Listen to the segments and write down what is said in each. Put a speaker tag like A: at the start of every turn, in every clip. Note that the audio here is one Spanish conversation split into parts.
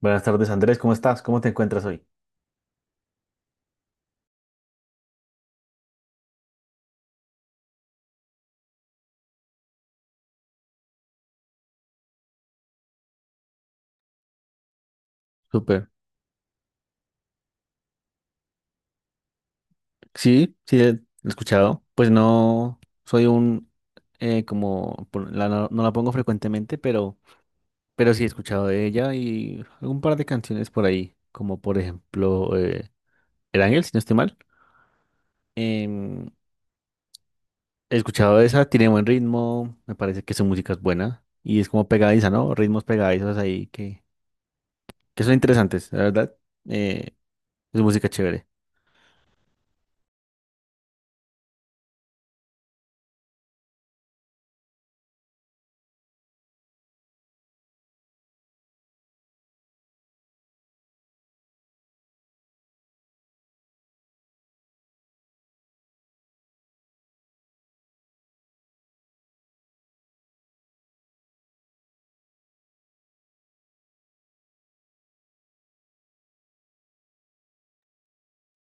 A: Buenas tardes, Andrés. ¿Cómo estás? ¿Cómo te encuentras hoy? Súper. Sí, sí, he escuchado. Pues no soy un, como, la, no, no la pongo frecuentemente, pero sí he escuchado de ella y algún par de canciones por ahí, como por ejemplo El Ángel, si no estoy mal. Em, He escuchado esa, tiene buen ritmo, me parece que su música es buena y es como pegadiza, ¿no? Ritmos pegadizos ahí que son interesantes, la verdad. Eh, es música chévere.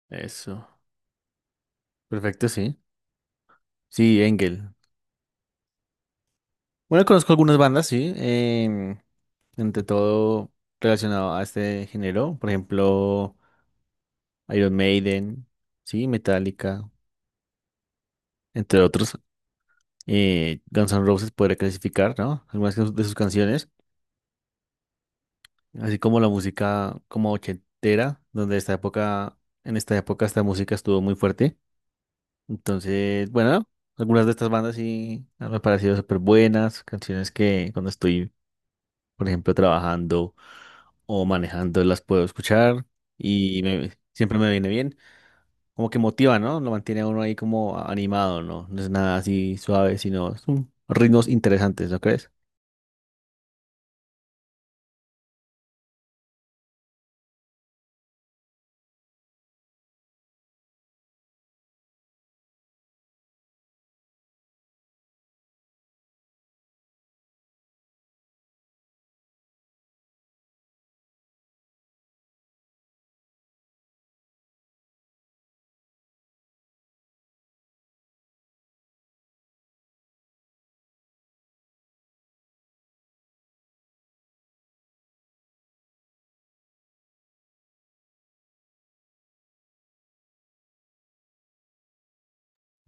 A: Eso. Perfecto, sí. Sí, Engel. Bueno, conozco algunas bandas, sí. Entre todo relacionado a este género. Por ejemplo, Iron Maiden, sí, Metallica, entre otros. Guns N' Roses podría clasificar, ¿no? Algunas de sus canciones. Así como la música como ochentera, en esta época esta música estuvo muy fuerte. Entonces, bueno, algunas de estas bandas sí me han parecido súper buenas. Canciones que cuando estoy por ejemplo, trabajando o manejando, las puedo escuchar y siempre me viene bien. Como que motiva, ¿no? Lo mantiene a uno ahí como animado, ¿no? No es nada así suave, sino son ritmos interesantes, ¿no crees?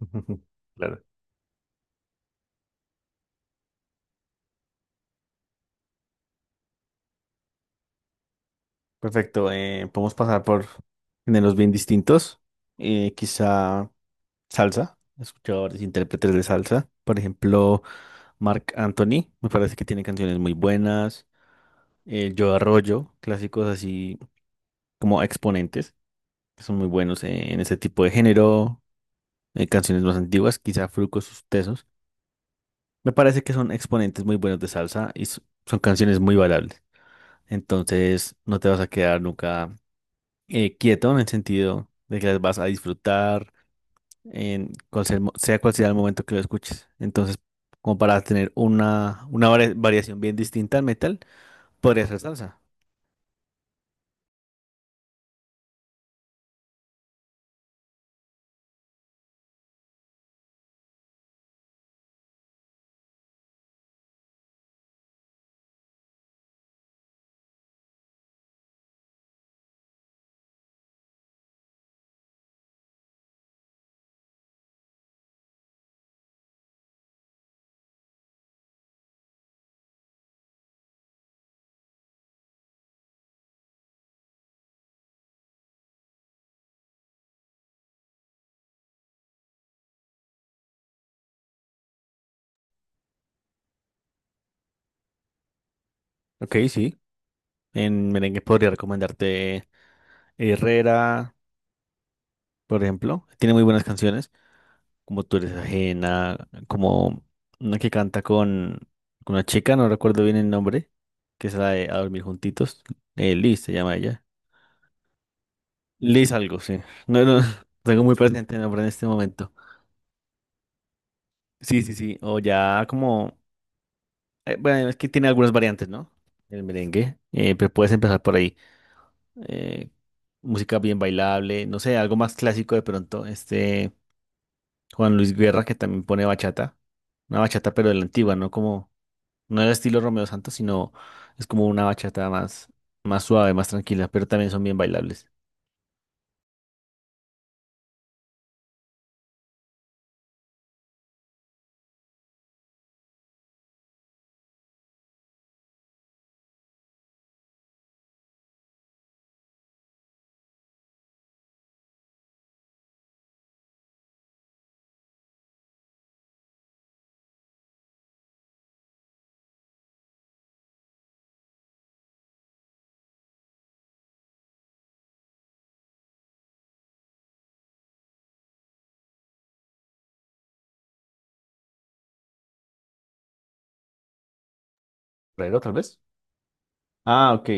A: Ujú, claro. Perfecto. Podemos pasar por géneros bien distintos. Quizá salsa. He escuchado varios intérpretes de salsa. Por ejemplo, Marc Anthony. Me parece que tiene canciones muy buenas. Joe Arroyo. Clásicos así como exponentes. Que son muy buenos en ese tipo de género, canciones más antiguas, quizá Fruco, sus tesos. Me parece que son exponentes muy buenos de salsa y son canciones muy bailables. Entonces, no te vas a quedar nunca quieto en el sentido de que las vas a disfrutar, en cual sea, sea cual sea el momento que lo escuches. Entonces, como para tener una variación bien distinta al metal, podría ser salsa. Ok, sí. En merengue podría recomendarte Herrera, por ejemplo. Tiene muy buenas canciones. Como tú eres ajena, como una que canta con una chica, no recuerdo bien el nombre, que es la de A Dormir Juntitos, Liz se llama ella. Liz algo, sí. No, no, tengo muy presente el nombre en este momento. Sí, sí, sí, o ya como, bueno, es que tiene algunas variantes, ¿no? El merengue, pero puedes empezar por ahí. Eh, Música bien bailable, no sé, algo más clásico de pronto, este Juan Luis Guerra que también pone bachata, una bachata pero de la antigua, ¿no? Como... No era estilo Romeo Santos, sino es como una bachata más, más suave, más tranquila, pero también son bien bailables. ¿Torero, tal vez? Ah, ok.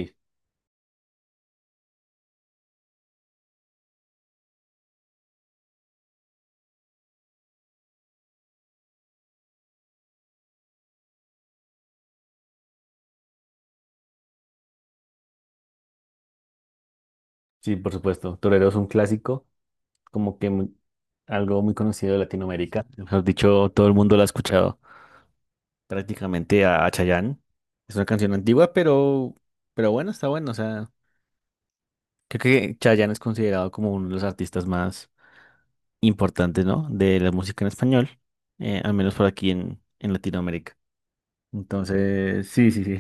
A: Sí, por supuesto. Torero es un clásico, como que muy- algo muy conocido de Latinoamérica. Mejor dicho, todo el mundo lo ha escuchado prácticamente a Chayanne. Es una canción antigua, pero bueno, está bueno. O sea, creo que Chayanne es considerado como uno de los artistas más importantes, ¿no? De la música en español, al menos por aquí en Latinoamérica. Entonces, sí, sí, sí.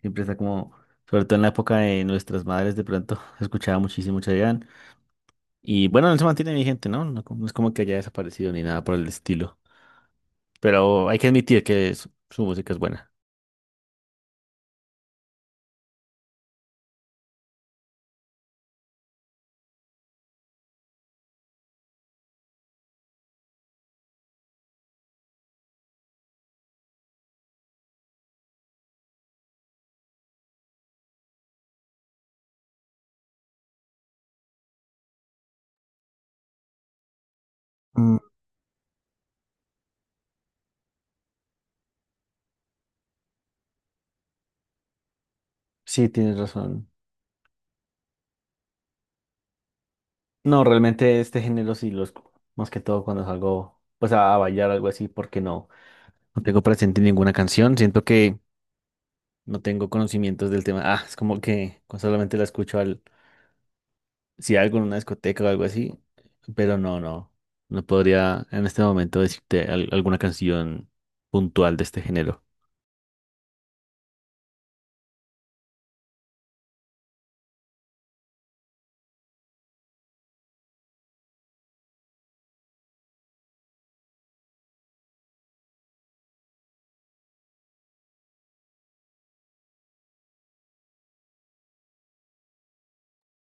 A: Siempre está como, sobre todo en la época de nuestras madres, de pronto escuchaba muchísimo Chayanne. Y bueno, no se mantiene vigente, ¿no? No, no es como que haya desaparecido ni nada por el estilo. Pero hay que admitir que su música es buena. Mm, sí, tienes razón. No, realmente este género sí más que todo cuando salgo pues a bailar algo así, porque no, no tengo presente ninguna canción. Siento que no tengo conocimientos del tema. Ah, es como que solamente la escucho al si algo en una discoteca o algo así, pero no, no, no podría en este momento decirte alguna canción puntual de este género.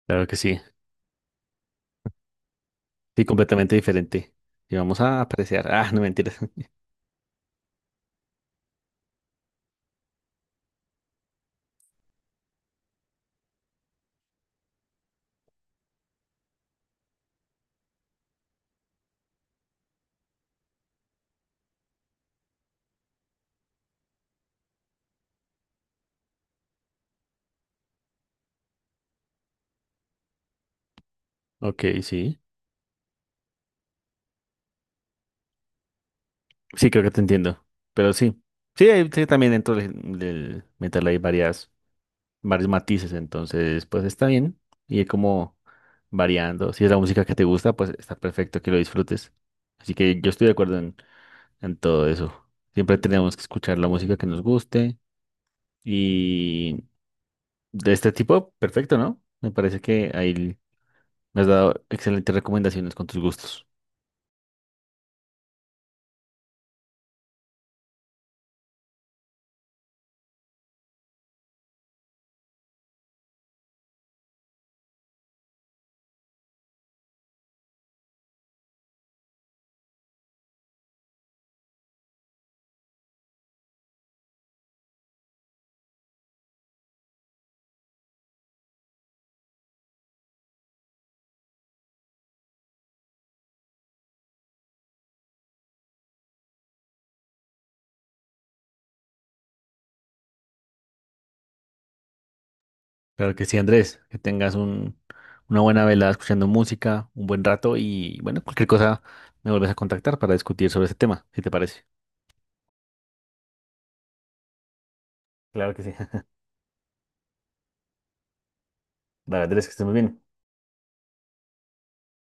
A: Claro que sí, sí, completamente diferente. Y vamos a apreciar. Ah, no mentiras. Ok, sí. Sí, creo que te entiendo. Pero sí. Sí, sí, también dentro del metal hay varias, varios matices, entonces pues está bien. Y como variando. Si es la música que te gusta, pues está perfecto que lo disfrutes. Así que yo estoy de acuerdo en todo eso. Siempre tenemos que escuchar la música que nos guste. Y de este tipo, perfecto, ¿no? Me parece que ahí me has dado excelentes recomendaciones con tus gustos. Claro que sí, Andrés, que tengas un, una buena velada escuchando música, un buen rato y bueno, cualquier cosa me vuelves a contactar para discutir sobre ese tema, si te parece. Claro que sí. Dale, Andrés, que estés muy bien.